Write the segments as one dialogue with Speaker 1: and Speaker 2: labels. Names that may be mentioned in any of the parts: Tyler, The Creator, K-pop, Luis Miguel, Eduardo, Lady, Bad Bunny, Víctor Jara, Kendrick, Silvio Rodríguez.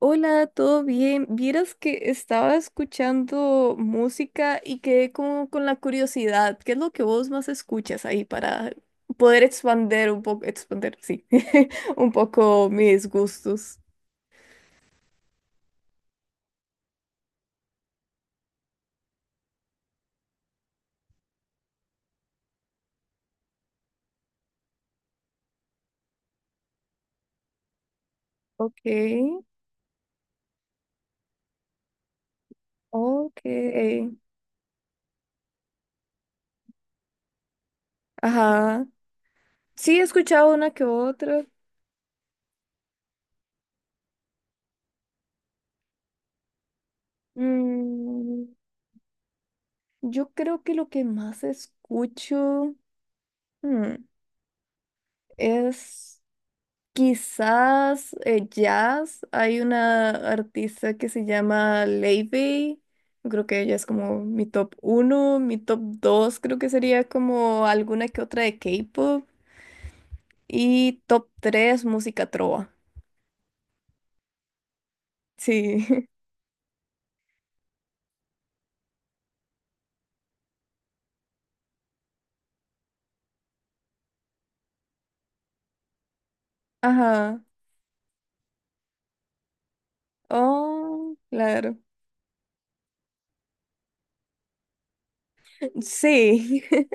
Speaker 1: Hola, ¿todo bien? Vieras que estaba escuchando música y quedé como con la curiosidad. ¿Qué es lo que vos más escuchas ahí para poder expander un poco, expander, sí, un poco mis gustos? Ok, ok. Ajá. Sí, he escuchado una que otra. Mm, yo creo que lo que más escucho, mm, es... Quizás jazz. Hay una artista que se llama Lady. Creo que ella es como mi top uno. Mi top dos, creo que sería como alguna que otra de K-pop. Y top tres, música trova. Sí. Ajá. Oh, claro. Sí.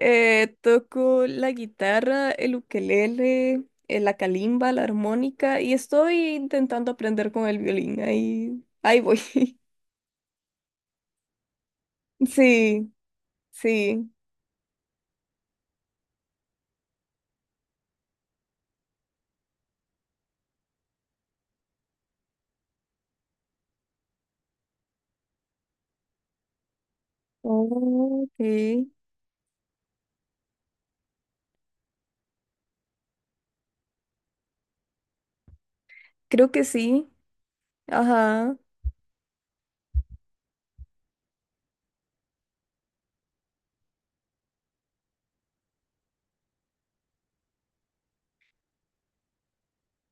Speaker 1: Toco la guitarra, el ukelele, la calimba, la armónica y estoy intentando aprender con el violín. Ahí voy. Sí, sí. Ok, creo que sí. Ajá.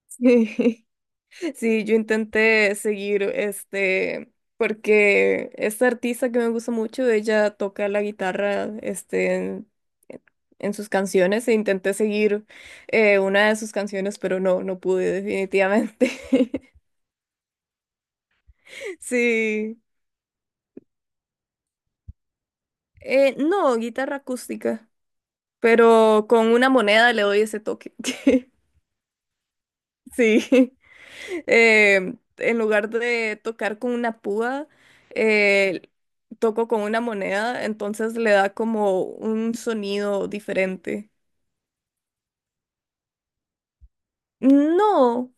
Speaker 1: Sí, sí, yo intenté seguir porque esta artista que me gusta mucho, ella toca la guitarra en sus canciones e intenté seguir una de sus canciones, pero no, no pude definitivamente. Sí. No, guitarra acústica, pero con una moneda le doy ese toque. Sí. En lugar de tocar con una púa, eh, toco con una moneda, entonces le da como un sonido diferente. No,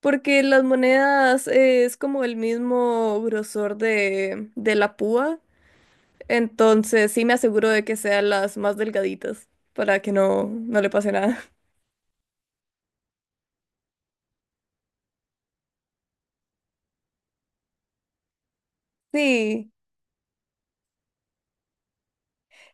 Speaker 1: porque las monedas es como el mismo grosor de la púa, entonces sí me aseguro de que sean las más delgaditas para que no, no le pase nada. Sí.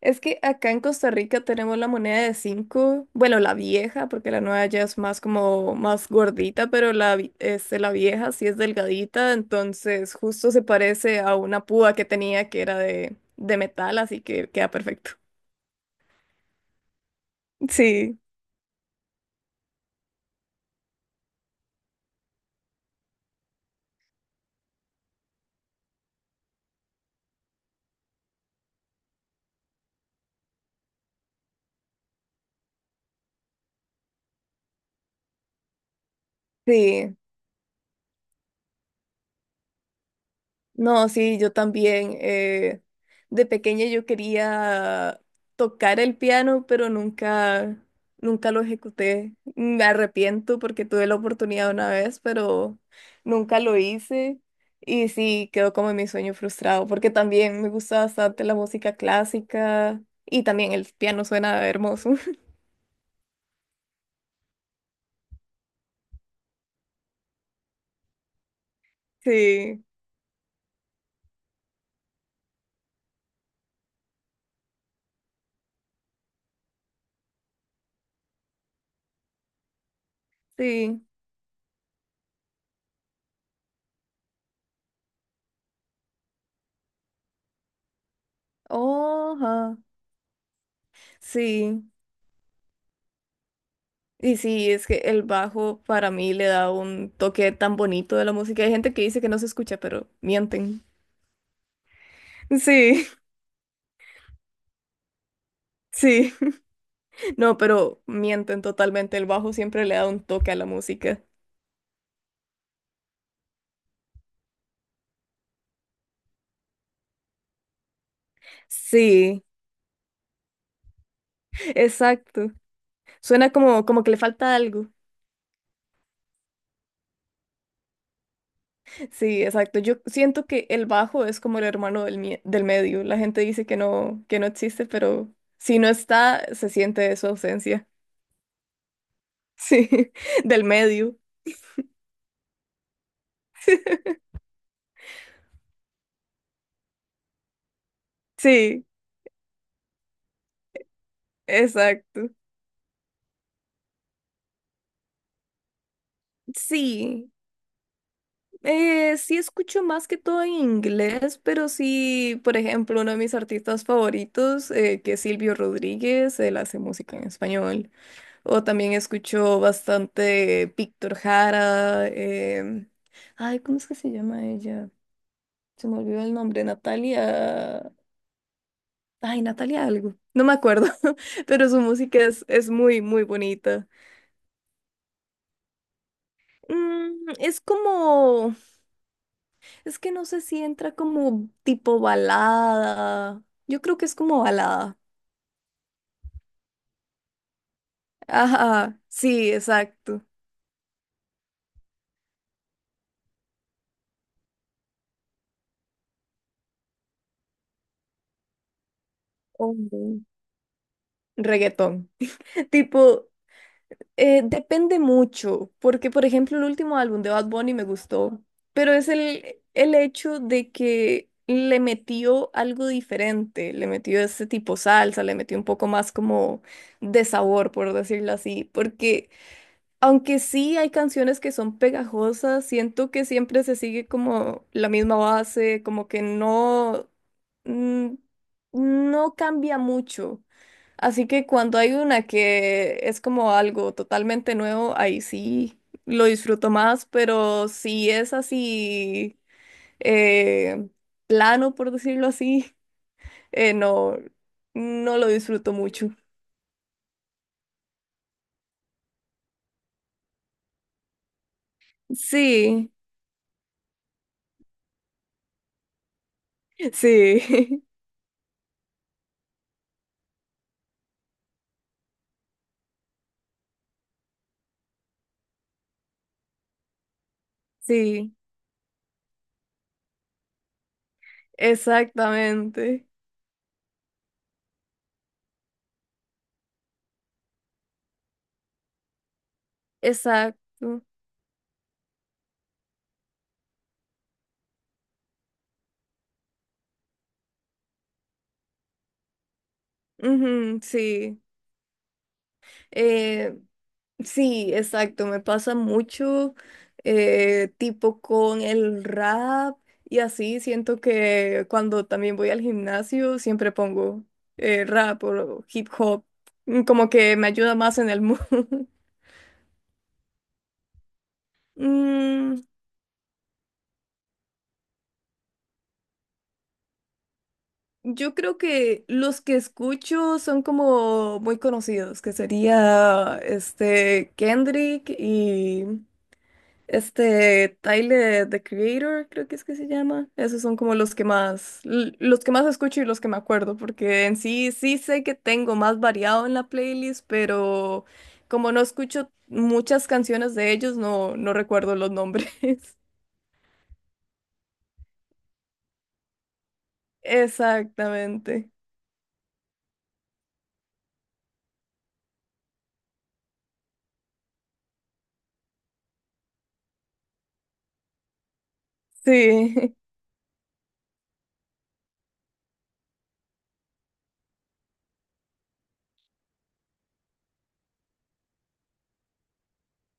Speaker 1: Es que acá en Costa Rica tenemos la moneda de 5, bueno, la vieja, porque la nueva ya es más como más gordita, pero la vieja sí es delgadita, entonces justo se parece a una púa que tenía que era de metal, así que queda perfecto. Sí, sí. No, sí, yo también. De pequeña yo quería tocar el piano, pero nunca lo ejecuté. Me arrepiento porque tuve la oportunidad una vez, pero nunca lo hice. Y sí, quedó como mi sueño frustrado, porque también me gusta bastante la música clásica y también el piano suena hermoso. Sí, sí. Oh, ajá. Sí. Y sí, es que el bajo para mí le da un toque tan bonito de la música. Hay gente que dice que no se escucha, pero mienten. Sí, sí, no, pero mienten totalmente. El bajo siempre le da un toque a la música. Sí, exacto. Suena como que le falta algo. Sí, exacto. Yo siento que el bajo es como el hermano del medio. La gente dice que no existe, pero si no está, se siente su ausencia. Sí, del medio. Sí, exacto. Sí, sí escucho más que todo en inglés, pero sí, por ejemplo, uno de mis artistas favoritos, que es Silvio Rodríguez, él hace música en español. O también escucho bastante Víctor Jara. Ay, ¿cómo es que se llama ella? Se me olvidó el nombre, Natalia. Ay, Natalia algo. No me acuerdo, pero su música es muy, muy bonita. Es como. Es que no sé si entra como tipo balada. Yo creo que es como balada. Ajá, sí, exacto. O reggaetón. Tipo, depende mucho, porque por ejemplo el último álbum de Bad Bunny me gustó, pero es el hecho de que le metió algo diferente, le metió ese tipo salsa, le metió un poco más como de sabor, por decirlo así, porque aunque sí hay canciones que son pegajosas, siento que siempre se sigue como la misma base, como que no, mm, no cambia mucho. Así que cuando hay una que es como algo totalmente nuevo, ahí sí lo disfruto más, pero si es así eh, plano, por decirlo así, no, no lo disfruto mucho. Sí, sí, sí, exactamente. Exacto. Ujú, sí. Eh, sí, exacto. Me pasa mucho, tipo con el rap y así. Siento que cuando también voy al gimnasio siempre pongo rap o hip hop. Como que me ayuda más en el mood. Mm, yo creo que los que escucho son como muy conocidos, que sería Kendrick. Tyler, The Creator, creo que es que se llama. Esos son como los que más, los que más escucho y los que me acuerdo, porque en sí, sí sé que tengo más variado en la playlist, pero como no escucho muchas canciones de ellos, no, no recuerdo los nombres. Exactamente. Sí.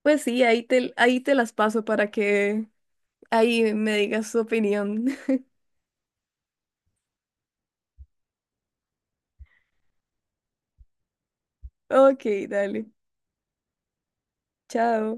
Speaker 1: Pues sí, ahí te las paso para que ahí me digas tu opinión. Ok, dale. Chao.